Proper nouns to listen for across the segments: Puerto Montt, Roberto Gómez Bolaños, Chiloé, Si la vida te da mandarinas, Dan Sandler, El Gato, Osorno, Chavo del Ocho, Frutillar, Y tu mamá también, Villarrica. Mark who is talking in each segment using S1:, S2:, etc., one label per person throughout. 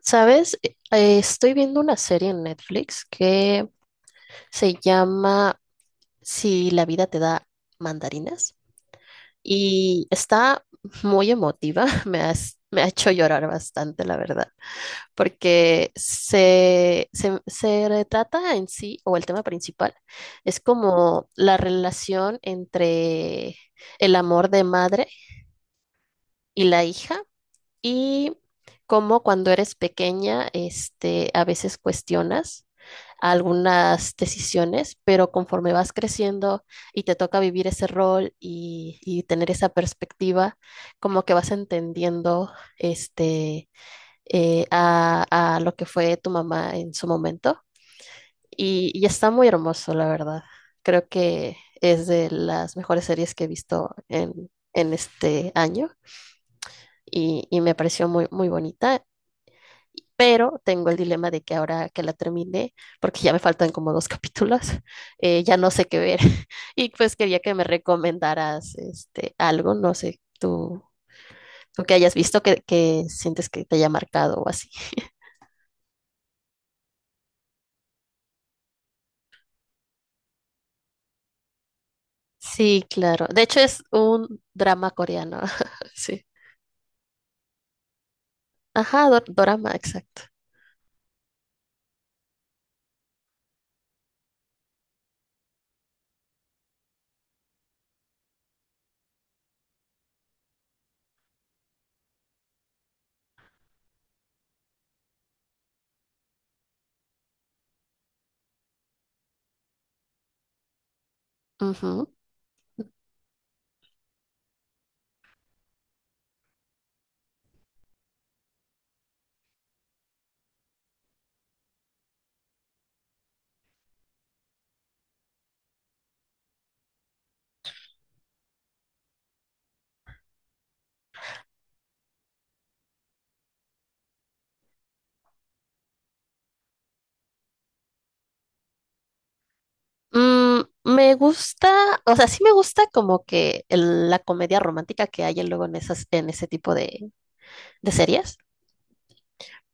S1: ¿Sabes? Estoy viendo una serie en Netflix que se llama Si la vida te da mandarinas y está muy emotiva. Me ha hecho llorar bastante, la verdad, porque se retrata en sí, o el tema principal, es como la relación entre el amor de madre y la hija y cómo cuando eres pequeña, a veces cuestionas a algunas decisiones, pero conforme vas creciendo y te toca vivir ese rol y tener esa perspectiva, como que vas entendiendo este, a lo que fue tu mamá en su momento. Y está muy hermoso, la verdad. Creo que es de las mejores series que he visto en este año y me pareció muy bonita. Pero tengo el dilema de que ahora que la terminé, porque ya me faltan como dos capítulos, ya no sé qué ver. Y pues quería que me recomendaras algo, no sé, tú que hayas visto que sientes que te haya marcado o así. Sí, claro. De hecho es un drama coreano. Sí. Ajá, dorama, exacto. Ujú. Mm, me gusta, o sea, sí me gusta como que la comedia romántica que hay luego en en ese tipo de series.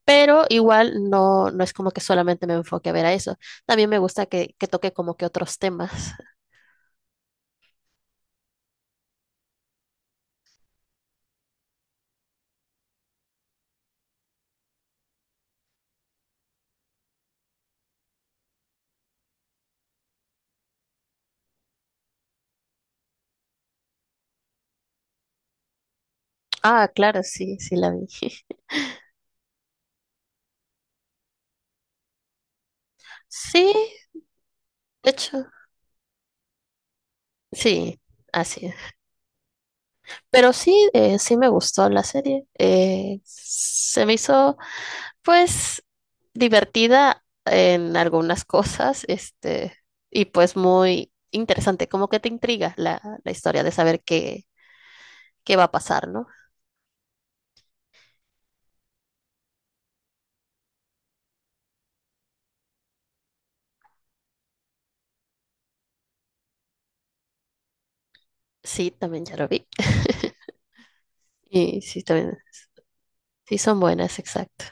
S1: Pero igual no, no es como que solamente me enfoque a ver a eso. También me gusta que toque como que otros temas. Ah, claro, sí, sí la vi. Sí, de hecho, sí, así es. Pero sí, sí me gustó la serie. Se me hizo, pues, divertida en algunas cosas, y pues muy interesante, como que te intriga la historia de saber qué, qué va a pasar, ¿no? Sí, también ya lo vi. Y sí, también. Sí, son buenas, exacto.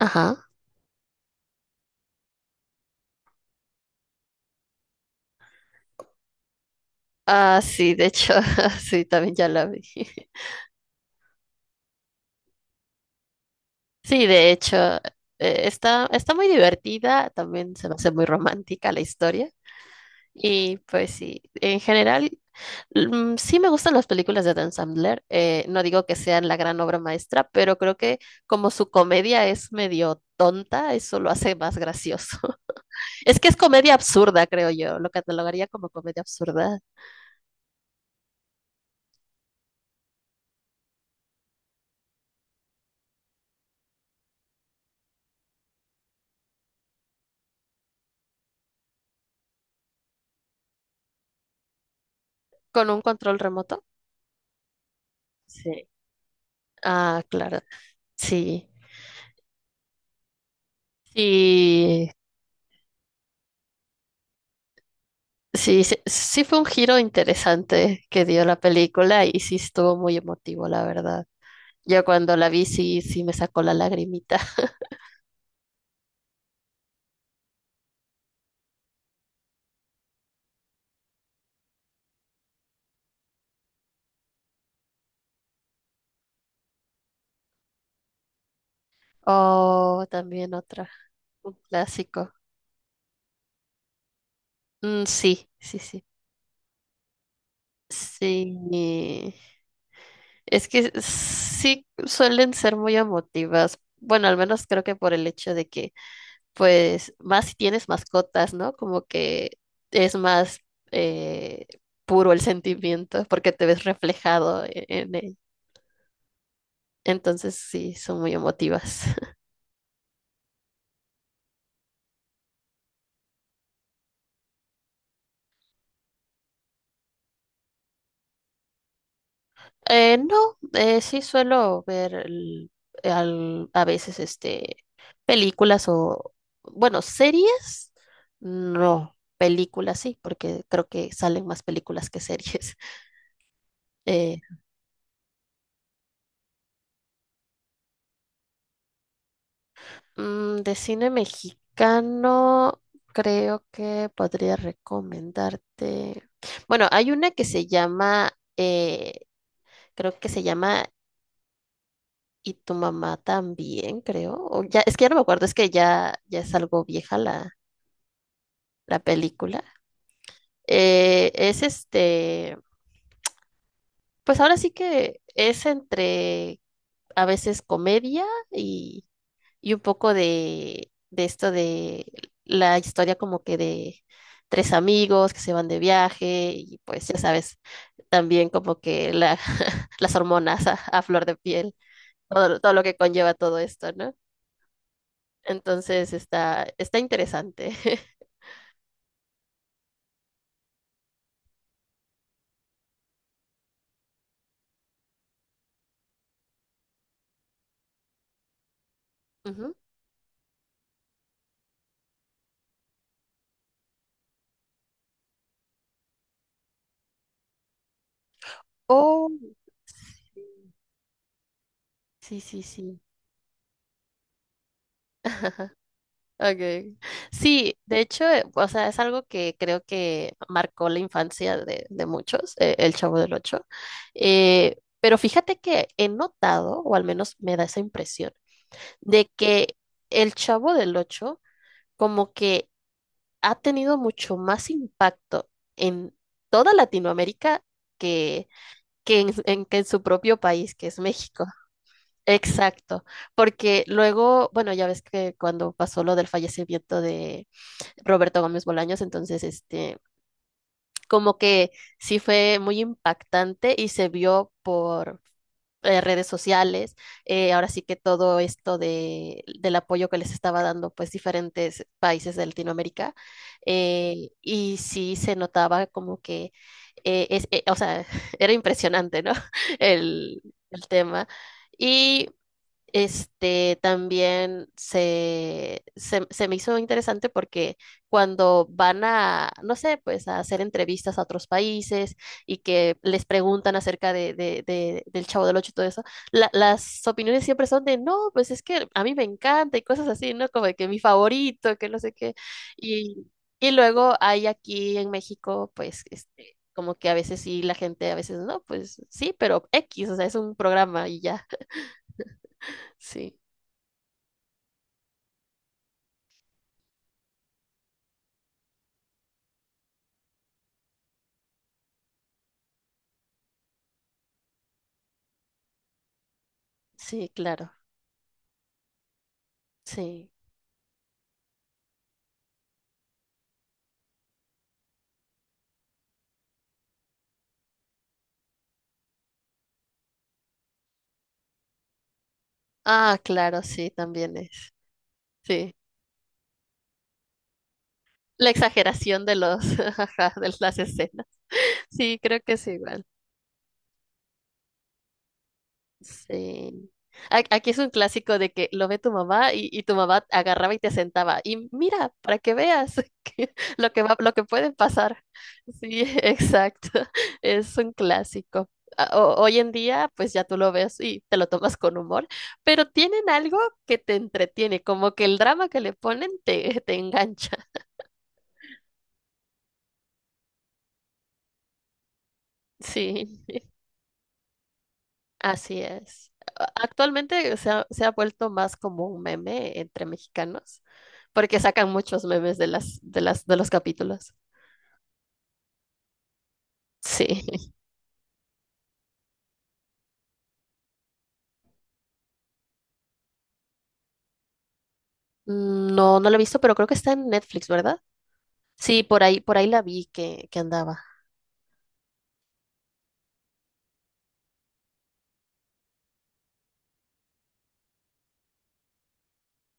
S1: Ajá. Ah, sí, de hecho, sí, también ya la vi. Sí, de hecho, está, está muy divertida, también se me hace muy romántica la historia. Y pues sí, en general, mm, sí me gustan las películas de Dan Sandler. Eh, no digo que sean la gran obra maestra, pero creo que como su comedia es medio tonta, eso lo hace más gracioso. Es que es comedia absurda, creo yo. Lo catalogaría como comedia absurda. ¿Con un control remoto? Sí. Ah, claro. Sí. Sí, sí, sí, sí fue un giro interesante que dio la película y sí estuvo muy emotivo, la verdad. Yo cuando la vi sí, sí me sacó la lagrimita. Oh, también otra, un clásico. Mm, sí, sí, sí. Sí. Es que sí suelen ser muy emotivas. Bueno, al menos creo que por el hecho de que pues más si tienes mascotas, ¿no? Como que es más eh, puro el sentimiento porque te ves reflejado en él. Entonces sí, son muy emotivas. No, sí suelo ver a veces películas o, bueno, series, no, películas sí, porque creo que salen más películas que series. Eh. Mm, de cine mexicano, creo que podría recomendarte. Bueno, hay una que se llama, eh, creo que se llama Y tu mamá también, creo. O ya, es que ya no me acuerdo, es que ya, ya es algo vieja la película. Es pues ahora sí que es entre a veces comedia y y un poco de esto de la historia como que de tres amigos que se van de viaje y pues ya sabes, también como que la, las hormonas a flor de piel, todo, todo lo que conlleva todo esto, ¿no? Entonces está, está interesante. Ujú. Oh. Sí, sí, sí. Okay. Sí, de hecho, o sea, es algo que creo que marcó la infancia de muchos, el Chavo del Ocho. Pero fíjate que he notado, o al menos me da esa impresión, de que el Chavo del Ocho como que ha tenido mucho más impacto en toda Latinoamérica que, que en, que en su propio país, que es México. Exacto, porque luego, bueno, ya ves que cuando pasó lo del fallecimiento Roberto Gómez Bolaños, entonces, como que sí fue muy impactante y se vio por redes sociales, ahora sí que todo esto del apoyo que les estaba dando, pues, diferentes países de Latinoamérica, y sí se notaba como que, o sea, era impresionante, ¿no? El, el tema. Este también se me hizo interesante porque cuando van a, no sé, pues a hacer entrevistas a otros países y que les preguntan acerca del Chavo del Ocho y todo eso, las opiniones siempre son de, no, pues es que a mí me encanta y cosas así, ¿no? Como de que mi favorito, que no sé qué. Y, y luego hay aquí en México, pues, como que a veces sí, la gente a veces no, pues sí, pero X, o sea, es un programa y ya, sí. Sí, claro, sí. Ah, claro, sí, también es. Sí. La exageración de los, ajá, de las escenas. Sí, creo que es igual. Sí. A- Aquí es un clásico de que lo ve tu mamá y tu mamá agarraba y te sentaba. Y mira, para que veas lo que va, lo que puede pasar. Sí, exacto. Es un clásico. Hoy en día, pues ya tú lo ves y te lo tomas con humor, pero tienen algo que te entretiene, como que el drama que le ponen te, te engancha. Sí. Así es. Actualmente se ha vuelto más como un meme entre mexicanos, porque sacan muchos memes de de los capítulos. Sí. No, no lo he visto, pero creo que está en Netflix, ¿verdad? Sí, por ahí la vi que andaba.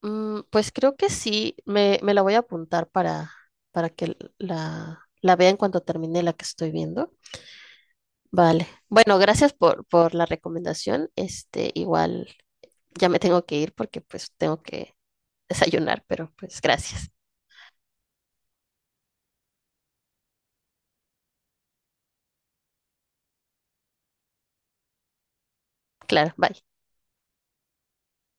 S1: Mm, pues creo que sí, me la voy a apuntar para que la vea en cuanto termine la que estoy viendo. Vale. Bueno, gracias por la recomendación. Este, igual ya me tengo que ir porque pues tengo que desayunar, pero pues gracias. Claro, bye.